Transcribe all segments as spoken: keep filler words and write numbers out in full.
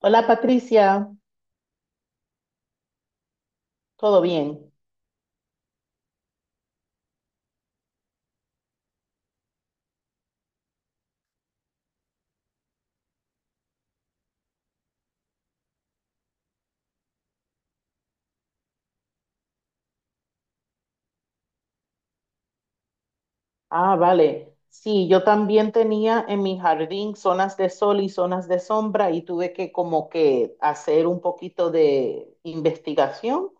Hola Patricia, ¿todo bien? Ah, vale. Sí, yo también tenía en mi jardín zonas de sol y zonas de sombra y tuve que como que hacer un poquito de investigación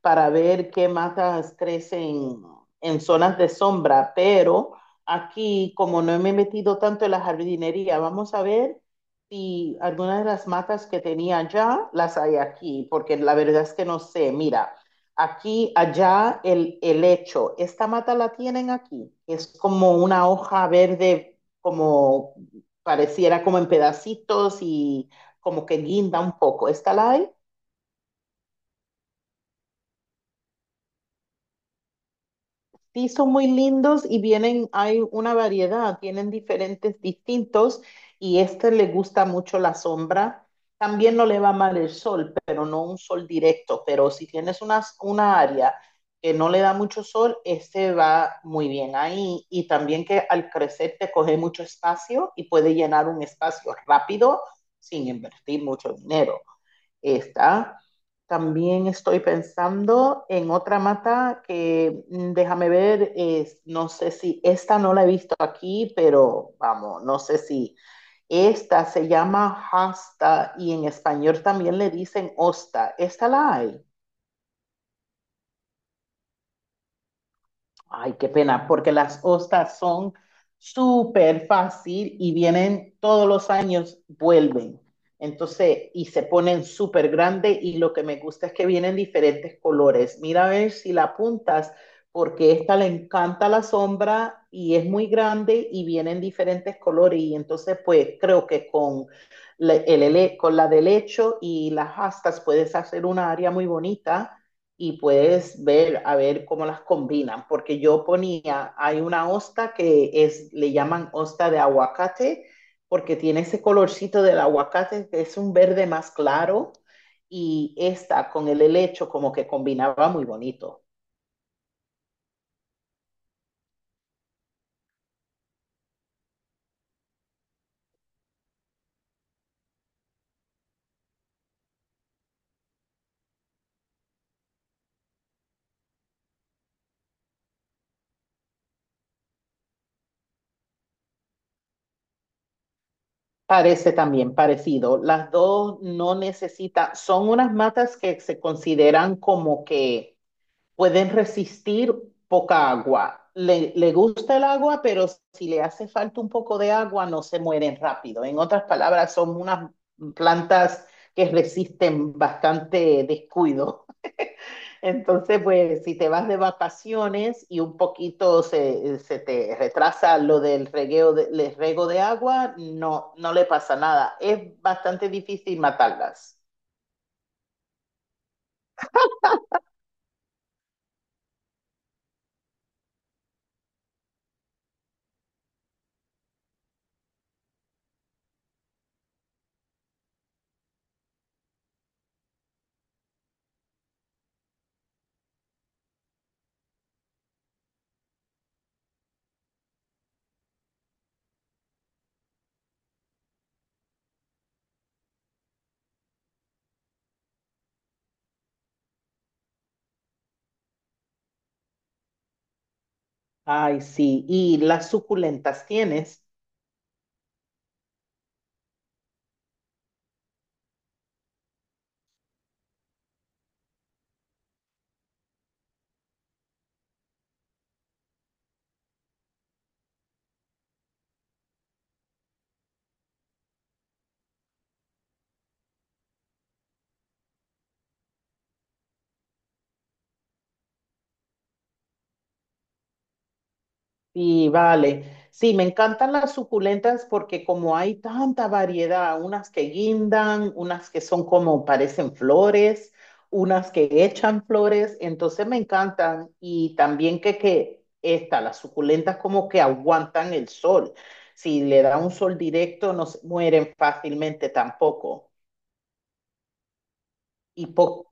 para ver qué matas crecen en zonas de sombra, pero aquí como no me he metido tanto en la jardinería, vamos a ver si algunas de las matas que tenía allá las hay aquí, porque la verdad es que no sé. Mira. Aquí, allá, el, el hecho. Esta mata la tienen aquí. Es como una hoja verde, como pareciera como en pedacitos y como que guinda un poco. ¿Esta la hay? Sí, son muy lindos y vienen, hay una variedad, tienen diferentes distintos y este le gusta mucho la sombra. También no le va mal el sol, pero no un sol directo. Pero si tienes una, una área que no le da mucho sol, este va muy bien ahí. Y también que al crecer te coge mucho espacio y puede llenar un espacio rápido sin invertir mucho dinero. Esta. También estoy pensando en otra mata que mm, déjame ver, es- no sé si esta no la he visto aquí, pero vamos, no sé si esta se llama hasta y en español también le dicen hosta. ¿Esta la hay? Ay, qué pena, porque las hostas son súper fácil y vienen todos los años, vuelven. Entonces, y se ponen súper grandes y lo que me gusta es que vienen diferentes colores. Mira a ver si la apuntas, porque esta le encanta la sombra y es muy grande y vienen diferentes colores. Y entonces, pues creo que con la, el, ele- con la de lecho y las astas puedes hacer una área muy bonita y puedes ver a ver cómo las combinan, porque yo ponía, hay una hosta que es, le llaman hosta de aguacate, porque tiene ese colorcito del aguacate, que es un verde más claro, y esta con el helecho como que combinaba muy bonito. Parece también parecido. Las dos no necesitan, son unas matas que se consideran como que pueden resistir poca agua. Le, le gusta el agua, pero si le hace falta un poco de agua, no se mueren rápido. En otras palabras, son unas plantas que resisten bastante descuido. Entonces, pues si te vas de vacaciones y un poquito se, se te retrasa lo del regueo de, el rego de agua, no, no le pasa nada. Es bastante difícil matarlas. Ay, sí. ¿Y las suculentas tienes? Sí, vale. Sí, me encantan las suculentas porque como hay tanta variedad, unas que guindan, unas que son como parecen flores, unas que echan flores, entonces me encantan. Y también que, que esta, las suculentas como que aguantan el sol. Si le da un sol directo, no se mueren fácilmente tampoco. Y po-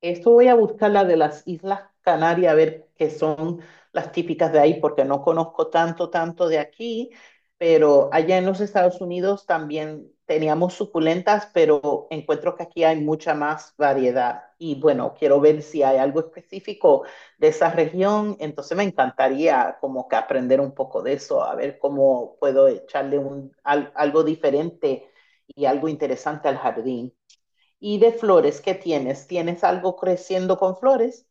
Esto voy a buscar la de las Islas Canarias, a ver qué son las típicas de ahí, porque no conozco tanto, tanto de aquí, pero allá en los Estados Unidos también teníamos suculentas, pero encuentro que aquí hay mucha más variedad. Y bueno, quiero ver si hay algo específico de esa región, entonces me encantaría como que aprender un poco de eso, a ver cómo puedo echarle un, al- algo diferente y algo interesante al jardín. Y de flores, ¿qué tienes? ¿Tienes algo creciendo con flores?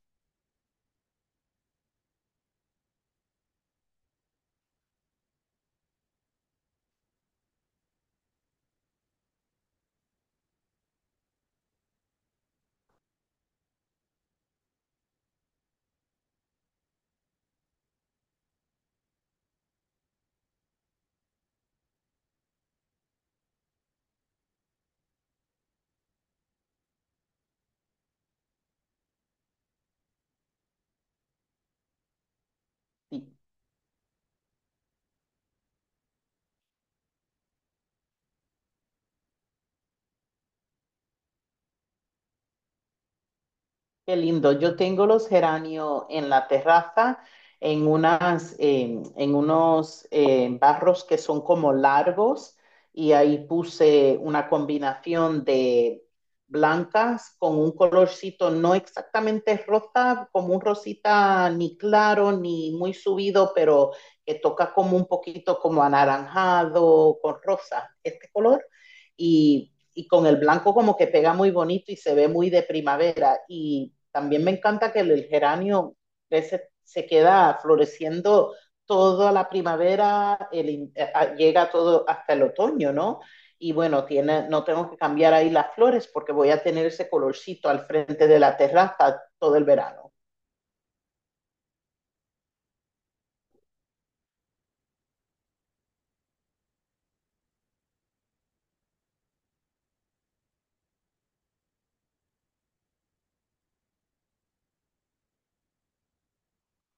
Sí, qué lindo. Yo tengo los geranios en la terraza, en unas, eh, en unos eh, barros que son como largos, y ahí puse una combinación de blancas con un colorcito no exactamente rosa, como un rosita ni claro ni muy subido, pero que toca como un poquito como anaranjado con rosa. Este color. Y, y con el blanco como que pega muy bonito y se ve muy de primavera. Y también me encanta que el, geranio crece, se queda floreciendo toda la primavera, el, eh, ah, llega todo hasta el otoño, ¿no? Y bueno, tiene, no tengo que cambiar ahí las flores porque voy a tener ese colorcito al frente de la terraza todo el verano.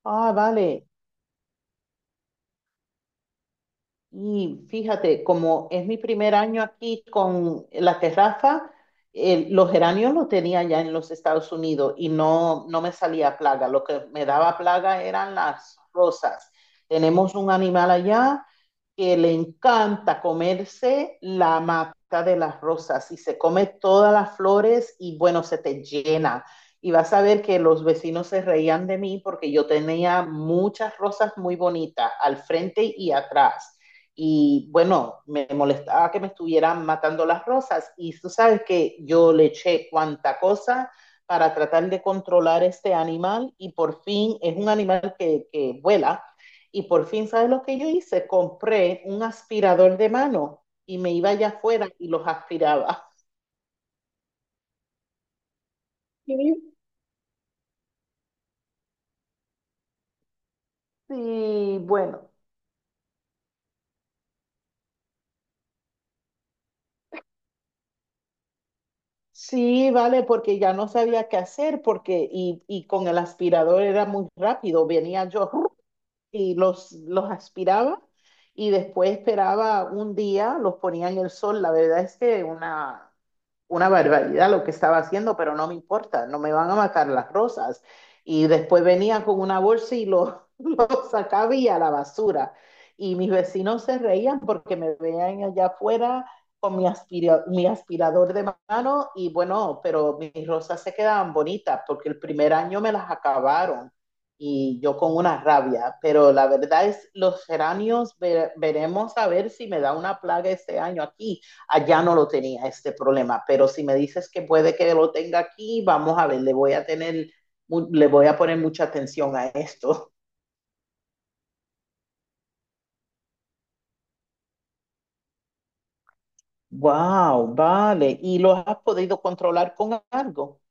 Ah, vale. Y fíjate, como es mi primer año aquí con la terraza, eh, los geranios los tenía ya en los Estados Unidos y no, no me salía plaga. Lo que me daba plaga eran las rosas. Tenemos un animal allá que le encanta comerse la mata de las rosas y se come todas las flores y bueno, se te llena. Y vas a ver que los vecinos se reían de mí porque yo tenía muchas rosas muy bonitas al frente y atrás. Y bueno, me molestaba que me estuvieran matando las rosas. Y tú sabes que yo le eché cuanta cosa para tratar de controlar este animal y por fin es un animal que, que vuela y por fin, ¿sabes lo que yo hice? Compré un aspirador de mano y me iba allá afuera y los aspiraba. Y, y bueno, sí, vale, porque ya no sabía qué hacer porque y, y con el aspirador era muy rápido. Venía yo y los, los aspiraba y después esperaba un día, los ponía en el sol. La verdad es que una, una barbaridad lo que estaba haciendo, pero no me importa, no me van a matar las rosas. Y después venía con una bolsa y lo, lo sacaba y a la basura. Y mis vecinos se reían porque me veían allá afuera con mi, aspira- mi aspirador de mano y bueno, pero mis rosas se quedaban bonitas porque el primer año me las acabaron y yo con una rabia, pero la verdad es los geranios ve- veremos a ver si me da una plaga este año aquí. Allá no lo tenía este problema, pero si me dices que puede que lo tenga aquí, vamos a ver, le voy a tener, le voy a poner mucha atención a esto. Wow, vale. ¿Y lo has podido controlar con algo?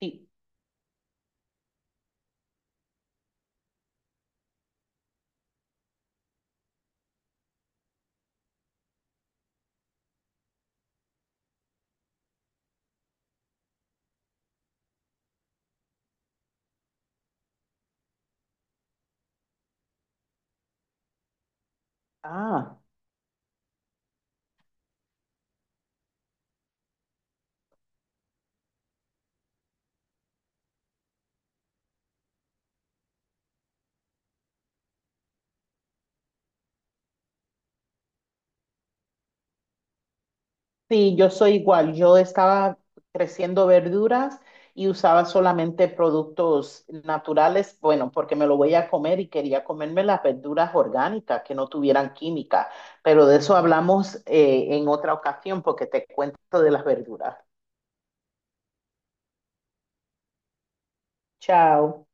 Sí. Ah, sí, yo soy igual. Yo estaba creciendo verduras y usaba solamente productos naturales, bueno, porque me lo voy a comer y quería comerme las verduras orgánicas que no tuvieran química. Pero de eso hablamos eh, en otra ocasión porque te cuento de las verduras. Chao.